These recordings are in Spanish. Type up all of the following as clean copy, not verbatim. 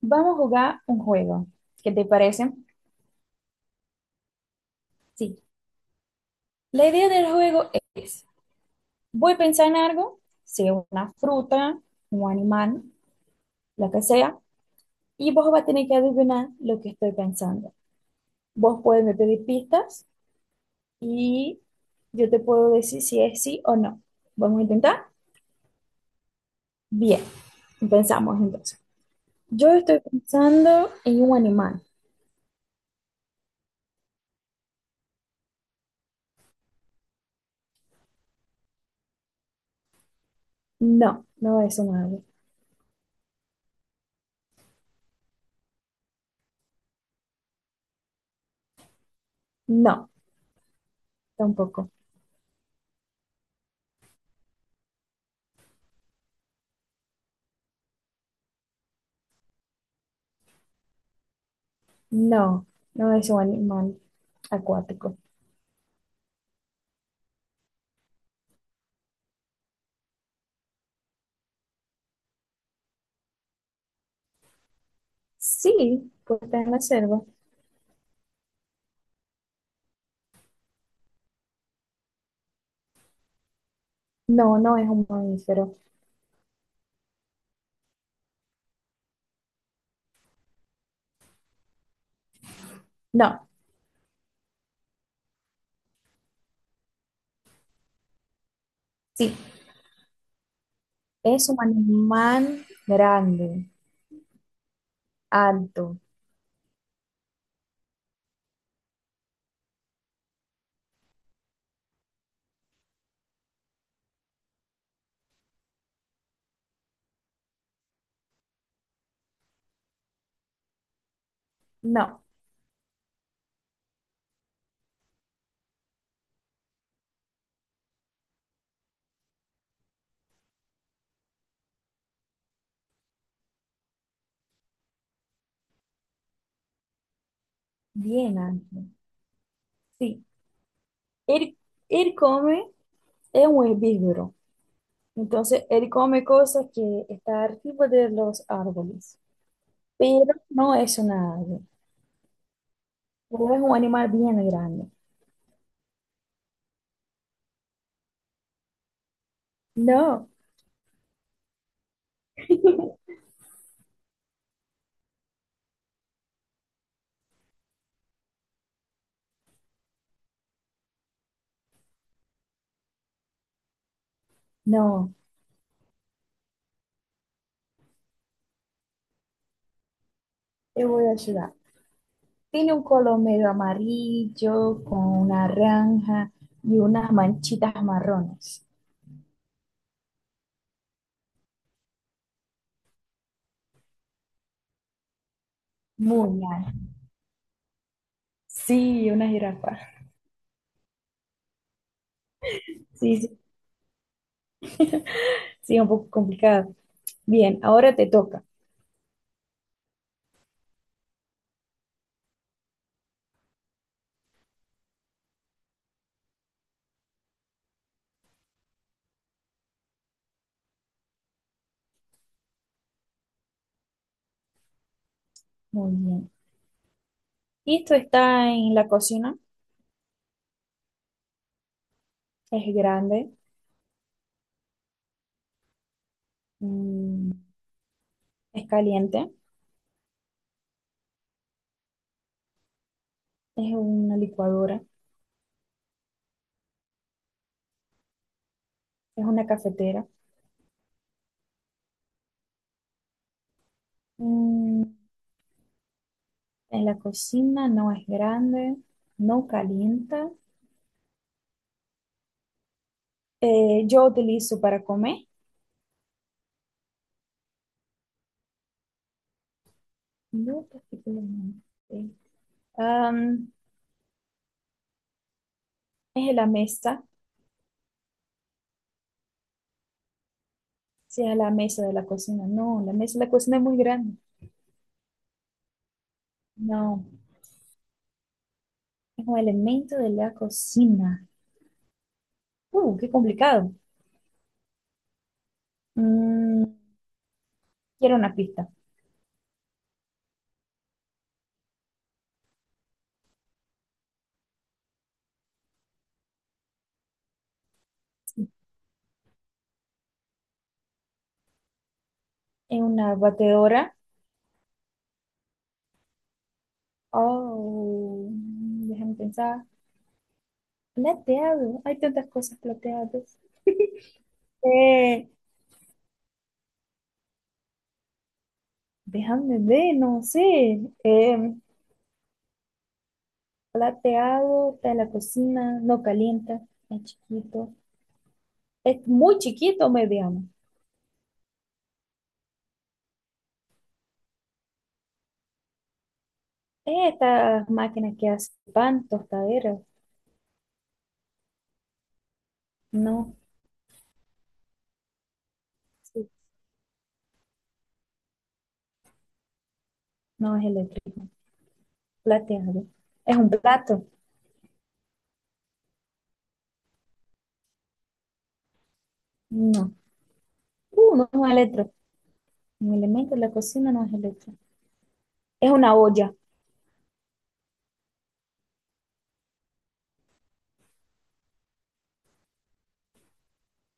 Vamos a jugar un juego. ¿Qué te parece? Sí. La idea del juego es, voy a pensar en algo, sea una fruta, un animal, lo que sea, y vos vas a tener que adivinar lo que estoy pensando. Vos puedes me pedir pistas y yo te puedo decir si es sí o no. ¿Vamos a intentar? Bien, pensamos entonces. Yo estoy pensando en un animal. No, no es un ave. No, tampoco. No, no es un animal acuático. Sí, pues está en la selva. No, no es un mamífero. No, sí, es un animal grande, alto. No, bien alto. Sí, él, él come, es un herbívoro. Entonces, él come cosas que están arriba de los árboles. Pero no es una ave. O es un animal bien grande. No, no, te voy a ayudar. Tiene un color medio amarillo con naranja y unas manchitas marrones. Muy mal. Sí, una jirafa. Sí, sí, sí, un poco complicado. Bien, ahora te toca. Muy bien. Esto está en la cocina. Es grande, mm, es caliente, es una licuadora, es una cafetera. Mm, en la cocina no es grande, no calienta. Yo utilizo para comer. No particularmente. Am, es la mesa, si es la mesa de la cocina. No, la mesa de la cocina es muy grande. No, es un elemento de la cocina. Qué complicado. Mm, quiero una pista. Es una batedora. Oh, déjame pensar. Plateado. Hay tantas cosas plateadas. Eh, déjame ver, no sé. Plateado, está en la cocina, no calienta, es chiquito. Es muy chiquito, mediano. Estas máquinas que hacen pan, tostaderas, no, sí, no es eléctrico, plateado. ¿Es un plato? No. No es un electro. Un elemento de la cocina no es electro. Es una olla,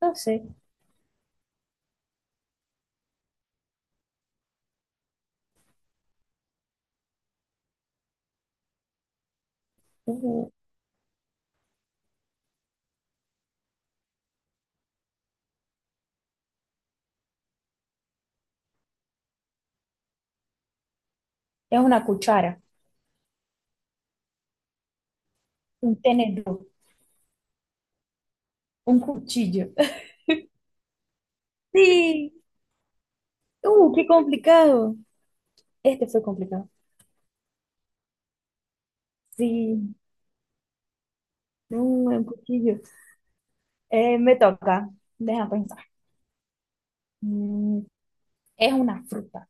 no sé. Uh, es una cuchara, un tenedor, un cuchillo. Sí, qué complicado. Este fue complicado. Sí, uh, un cuchillo. Me toca, deja pensar. Mm, es una fruta.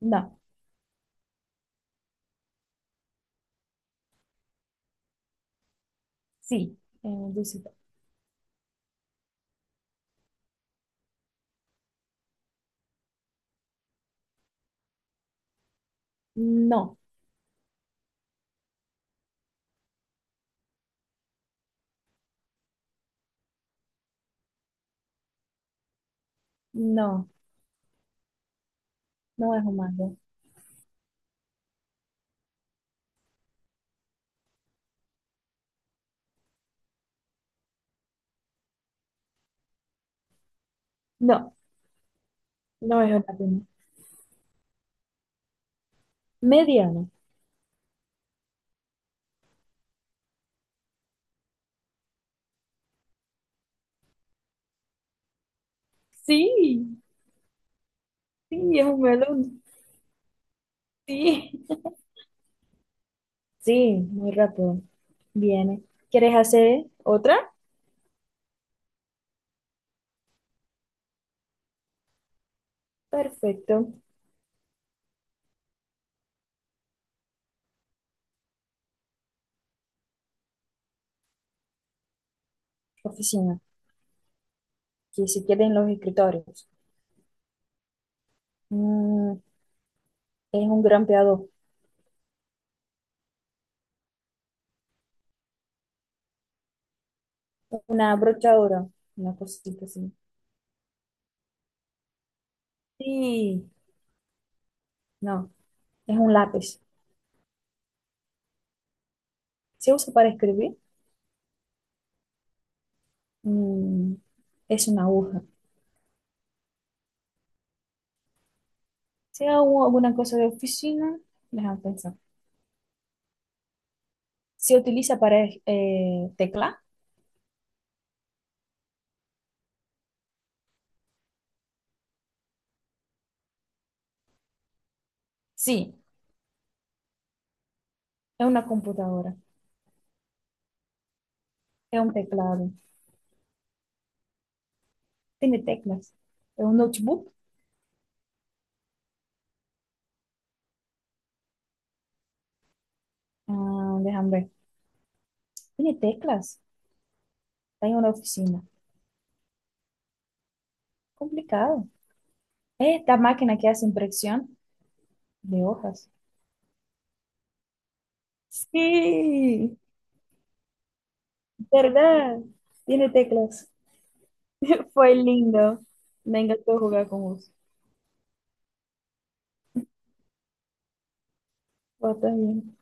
No, sí, dulce. No, no, no es un mango. No, no es un piña. Mediano. Sí, sí, es un melón. Sí. Sí, muy rápido. Viene. ¿Quieres hacer otra? Perfecto. Oficina. Que se queden los escritorios. Mm, es un grampeador. Una brochadora. Una cosita así. Sí. No, es un lápiz. ¿Se usa para escribir? Mm, es una aguja. Si hago alguna cosa de oficina, déjame pensar. ¿Se utiliza para tecla? Sí, es una computadora, es un teclado. Tiene teclas. ¿Es un notebook? Ah, déjame ver. ¿Tiene teclas? Está en una oficina. Complicado. ¿Es esta máquina que hace impresión de hojas? Sí, ¿verdad? Tiene teclas. Fue lindo. Me encantó jugar con vos. Vos también.